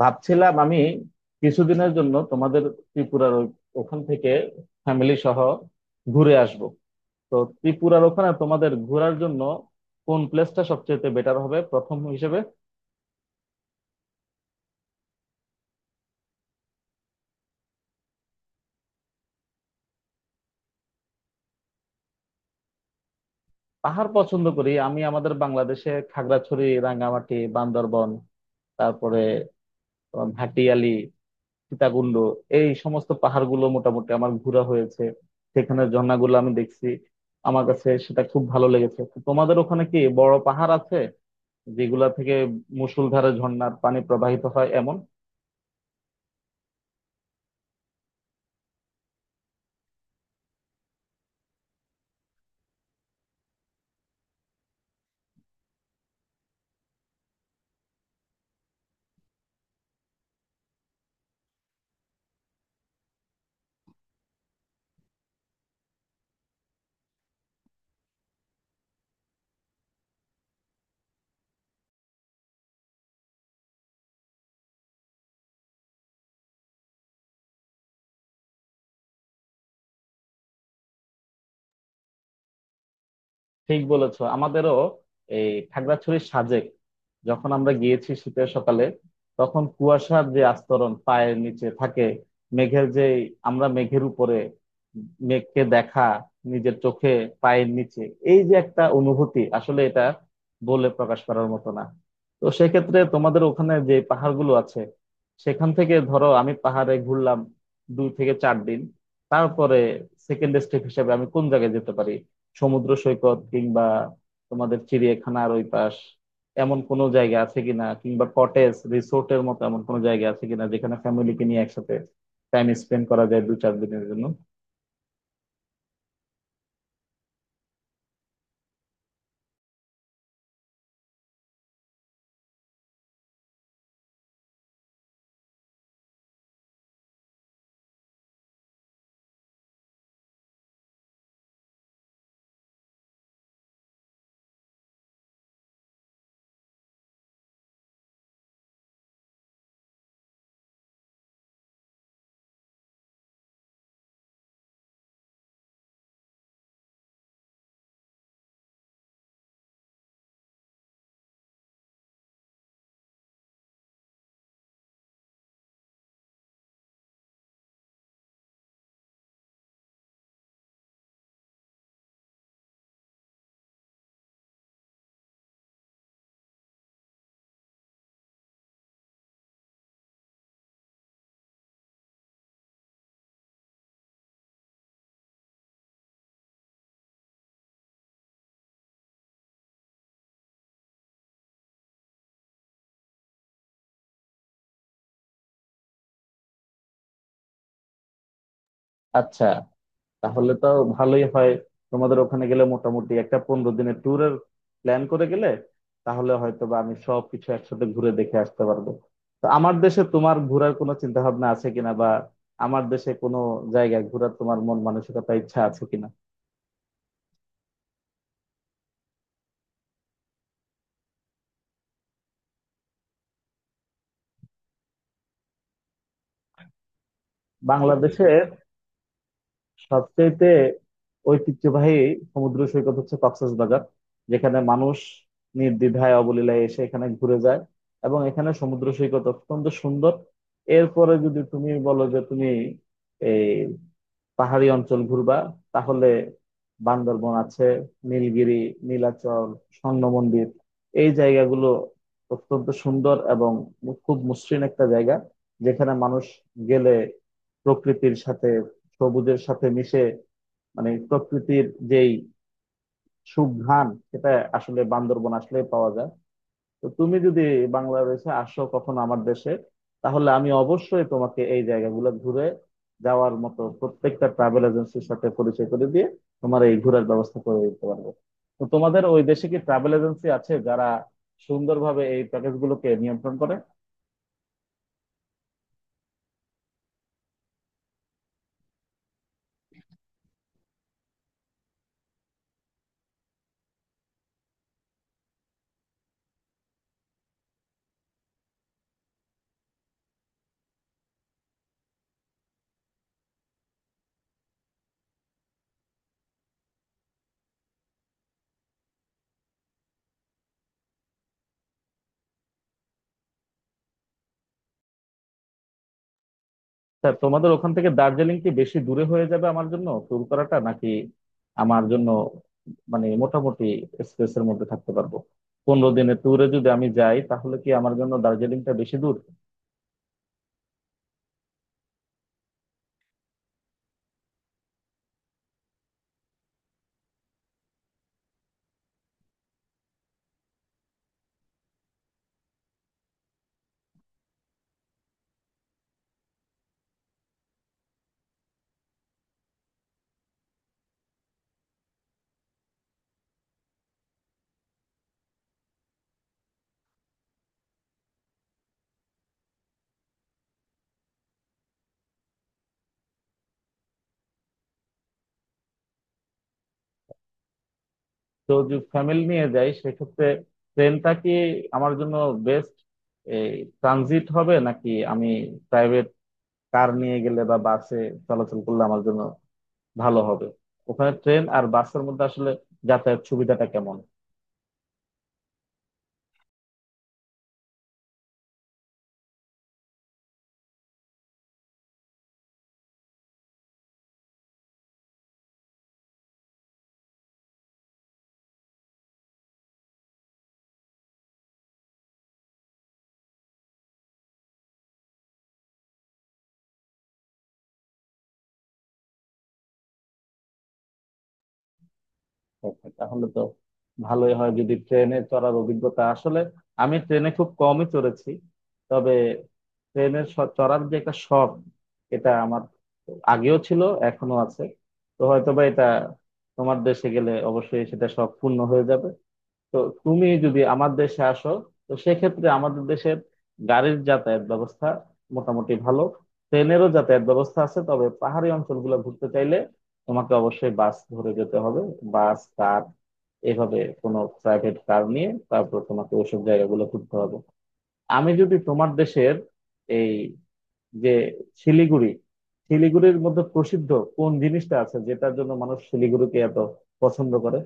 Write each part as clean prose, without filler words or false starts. ভাবছিলাম আমি কিছুদিনের জন্য তোমাদের ত্রিপুরার ওখান থেকে ফ্যামিলি সহ ঘুরে আসব। তো ত্রিপুরার ওখানে তোমাদের ঘোরার জন্য কোন প্লেসটা সবচেয়ে বেটার হবে প্রথম হিসেবে? পাহাড় পছন্দ করি আমি। আমাদের বাংলাদেশে খাগড়াছড়ি, রাঙ্গামাটি, বান্দরবন, তারপরে তোমার ভাটিয়ালি, সীতাকুণ্ড, এই সমস্ত পাহাড়গুলো মোটামুটি আমার ঘোরা হয়েছে। সেখানে ঝর্ণাগুলো আমি দেখছি, আমার কাছে সেটা খুব ভালো লেগেছে। তো তোমাদের ওখানে কি বড় পাহাড় আছে যেগুলা থেকে মুষলধারে ঝর্ণার পানি প্রবাহিত হয় এমন? ঠিক বলেছো, আমাদেরও এই খাগড়াছড়ির সাজেক, যখন আমরা গিয়েছি শীতের সকালে, তখন কুয়াশার যে আস্তরণ পায়ের নিচে থাকে, মেঘের যে, আমরা মেঘের উপরে, মেঘকে দেখা নিজের চোখে পায়ের নিচে, এই যে একটা অনুভূতি, আসলে এটা বলে প্রকাশ করার মতো না। তো সেক্ষেত্রে তোমাদের ওখানে যে পাহাড়গুলো আছে, সেখান থেকে ধরো আমি পাহাড়ে ঘুরলাম 2 থেকে 4 দিন, তারপরে সেকেন্ড স্টেপ হিসেবে আমি কোন জায়গায় যেতে পারি? সমুদ্র সৈকত, কিংবা তোমাদের চিড়িয়াখানার ওই পাশ, এমন কোনো জায়গা আছে কিনা, কিংবা কটেজ রিসোর্টের মতো এমন কোনো জায়গা আছে কিনা, যেখানে ফ্যামিলিকে নিয়ে একসাথে টাইম স্পেন্ড করা যায় দু চার দিনের জন্য? আচ্ছা, তাহলে তো ভালোই হয়। তোমাদের ওখানে গেলে মোটামুটি একটা 15 দিনের ট্যুরের প্ল্যান করে গেলে তাহলে হয়তো বা আমি সব কিছু একসাথে ঘুরে দেখে আসতে পারবো। তো আমার দেশে তোমার ঘোরার কোনো চিন্তা ভাবনা আছে কিনা, বা আমার দেশে কোনো জায়গায় ঘোরার তোমার মন মানসিকতা, ইচ্ছা আছে কিনা? বাংলাদেশে সবচেয়েতে ঐতিহ্যবাহী সমুদ্র সৈকত হচ্ছে কক্সবাজার, যেখানে মানুষ নির্দ্বিধায় অবলীলায় এসে এখানে ঘুরে যায়, এবং এখানে সমুদ্র সৈকত অত্যন্ত সুন্দর। এরপরে যদি তুমি বলো যে তুমি এই পাহাড়ি অঞ্চল ঘুরবা, তাহলে বান্দরবন আছে, নীলগিরি, নীলাচল, স্বর্ণ মন্দির, এই জায়গাগুলো অত্যন্ত সুন্দর এবং খুব মসৃণ একটা জায়গা, যেখানে মানুষ গেলে প্রকৃতির সাথে, সবুজের সাথে মিশে, মানে প্রকৃতির যেই সুঘ্রাণ, সেটা আসলে বান্দরবন আসলে পাওয়া যায়। তো তুমি যদি বাংলাদেশে আসো কখনো, আমার দেশে, তাহলে আমি অবশ্যই তোমাকে এই জায়গাগুলো ঘুরে যাওয়ার মতো প্রত্যেকটা ট্রাভেল এজেন্সির সাথে পরিচয় করে দিয়ে তোমার এই ঘোরার ব্যবস্থা করে দিতে পারবো। তো তোমাদের ওই দেশে কি ট্রাভেল এজেন্সি আছে যারা সুন্দরভাবে এই প্যাকেজ গুলোকে নিয়ন্ত্রণ করে? তা তোমাদের ওখান থেকে দার্জিলিং কি বেশি দূরে হয়ে যাবে আমার জন্য ট্যুর করাটা, নাকি আমার জন্য মানে মোটামুটি স্পেসের মধ্যে থাকতে পারবো? পনেরো দিনের ট্যুরে যদি আমি যাই তাহলে কি আমার জন্য দার্জিলিংটা বেশি দূর? তো যদি ফ্যামিলি নিয়ে যাই, সেক্ষেত্রে ট্রেনটা কি আমার জন্য বেস্ট এই ট্রানজিট হবে, নাকি আমি প্রাইভেট কার নিয়ে গেলে বা বাসে চলাচল করলে আমার জন্য ভালো হবে? ওখানে ট্রেন আর বাসের মধ্যে আসলে যাতায়াত সুবিধাটা কেমন? ওকে, তাহলে তো ভালোই হয় যদি ট্রেনে চড়ার অভিজ্ঞতা। আসলে আমি ট্রেনে খুব কমই চড়েছি, তবে ট্রেনের চড়ার যে একটা শখ, এটা আমার আগেও ছিল, এখনো আছে। তো হয়তোবা এটা তোমার দেশে গেলে অবশ্যই সেটা শখ পূর্ণ হয়ে যাবে। তো তুমি যদি আমার দেশে আসো, তো সেক্ষেত্রে আমাদের দেশের গাড়ির যাতায়াত ব্যবস্থা মোটামুটি ভালো, ট্রেনেরও যাতায়াত ব্যবস্থা আছে, তবে পাহাড়ি অঞ্চলগুলো ঘুরতে চাইলে তোমাকে অবশ্যই বাস ধরে যেতে হবে। বাস, কার, এভাবে কোনো প্রাইভেট কার নিয়ে তারপর তোমাকে ওইসব জায়গাগুলো ঘুরতে হবে। আমি যদি তোমার দেশের এই যে শিলিগুড়ি, শিলিগুড়ির মধ্যে প্রসিদ্ধ কোন জিনিসটা আছে যেটার জন্য মানুষ শিলিগুড়িকে এত পছন্দ করে?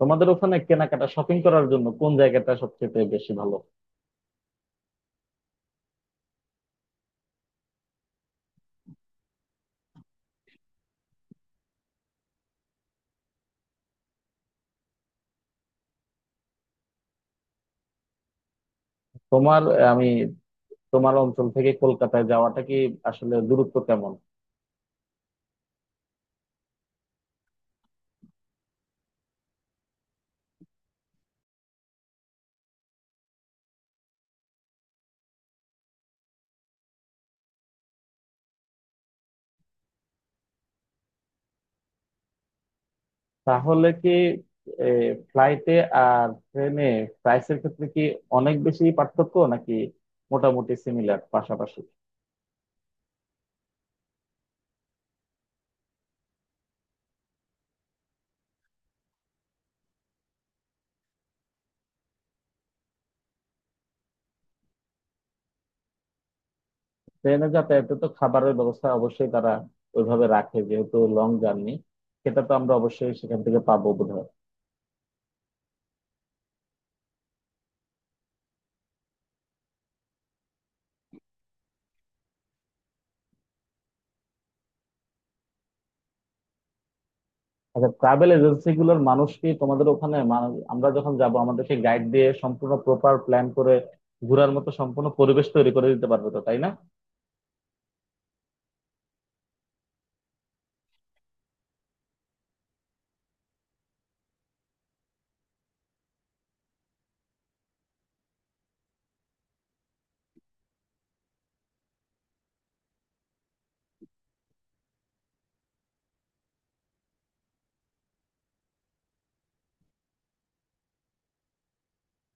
তোমাদের ওখানে কেনাকাটা, শপিং করার জন্য কোন জায়গাটা সবচেয়ে বেশি ভালো? তোমার আমি, তোমার অঞ্চল থেকে কলকাতায় যাওয়াটা, কি আসলে দূরত্ব কেমন? তাহলে কি ফ্লাইটে আর ট্রেনে প্রাইসের ক্ষেত্রে কি অনেক বেশি পার্থক্য, নাকি মোটামুটি সিমিলার পাশাপাশি? ট্রেনে যাতায়াতে তো খাবারের ব্যবস্থা অবশ্যই তারা ওইভাবে রাখে, যেহেতু লং জার্নি, সেটা তো আমরা অবশ্যই সেখান থেকে পাবো বোধহয়। আচ্ছা, ট্রাভেল এজেন্সি গুলোর মানুষ কি তোমাদের ওখানে আমরা যখন যাব আমাদেরকে গাইড দিয়ে সম্পূর্ণ প্রপার প্ল্যান করে ঘোরার মতো সম্পূর্ণ পরিবেশ তৈরি করে দিতে পারবে তো, তাই না?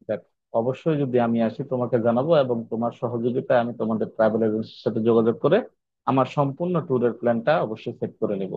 দেখ, অবশ্যই যদি আমি আসি তোমাকে জানাবো, এবং তোমার সহযোগিতায় আমি তোমাদের ট্রাভেল এজেন্সির সাথে যোগাযোগ করে আমার সম্পূর্ণ ট্যুরের প্ল্যানটা অবশ্যই সেট করে নেব।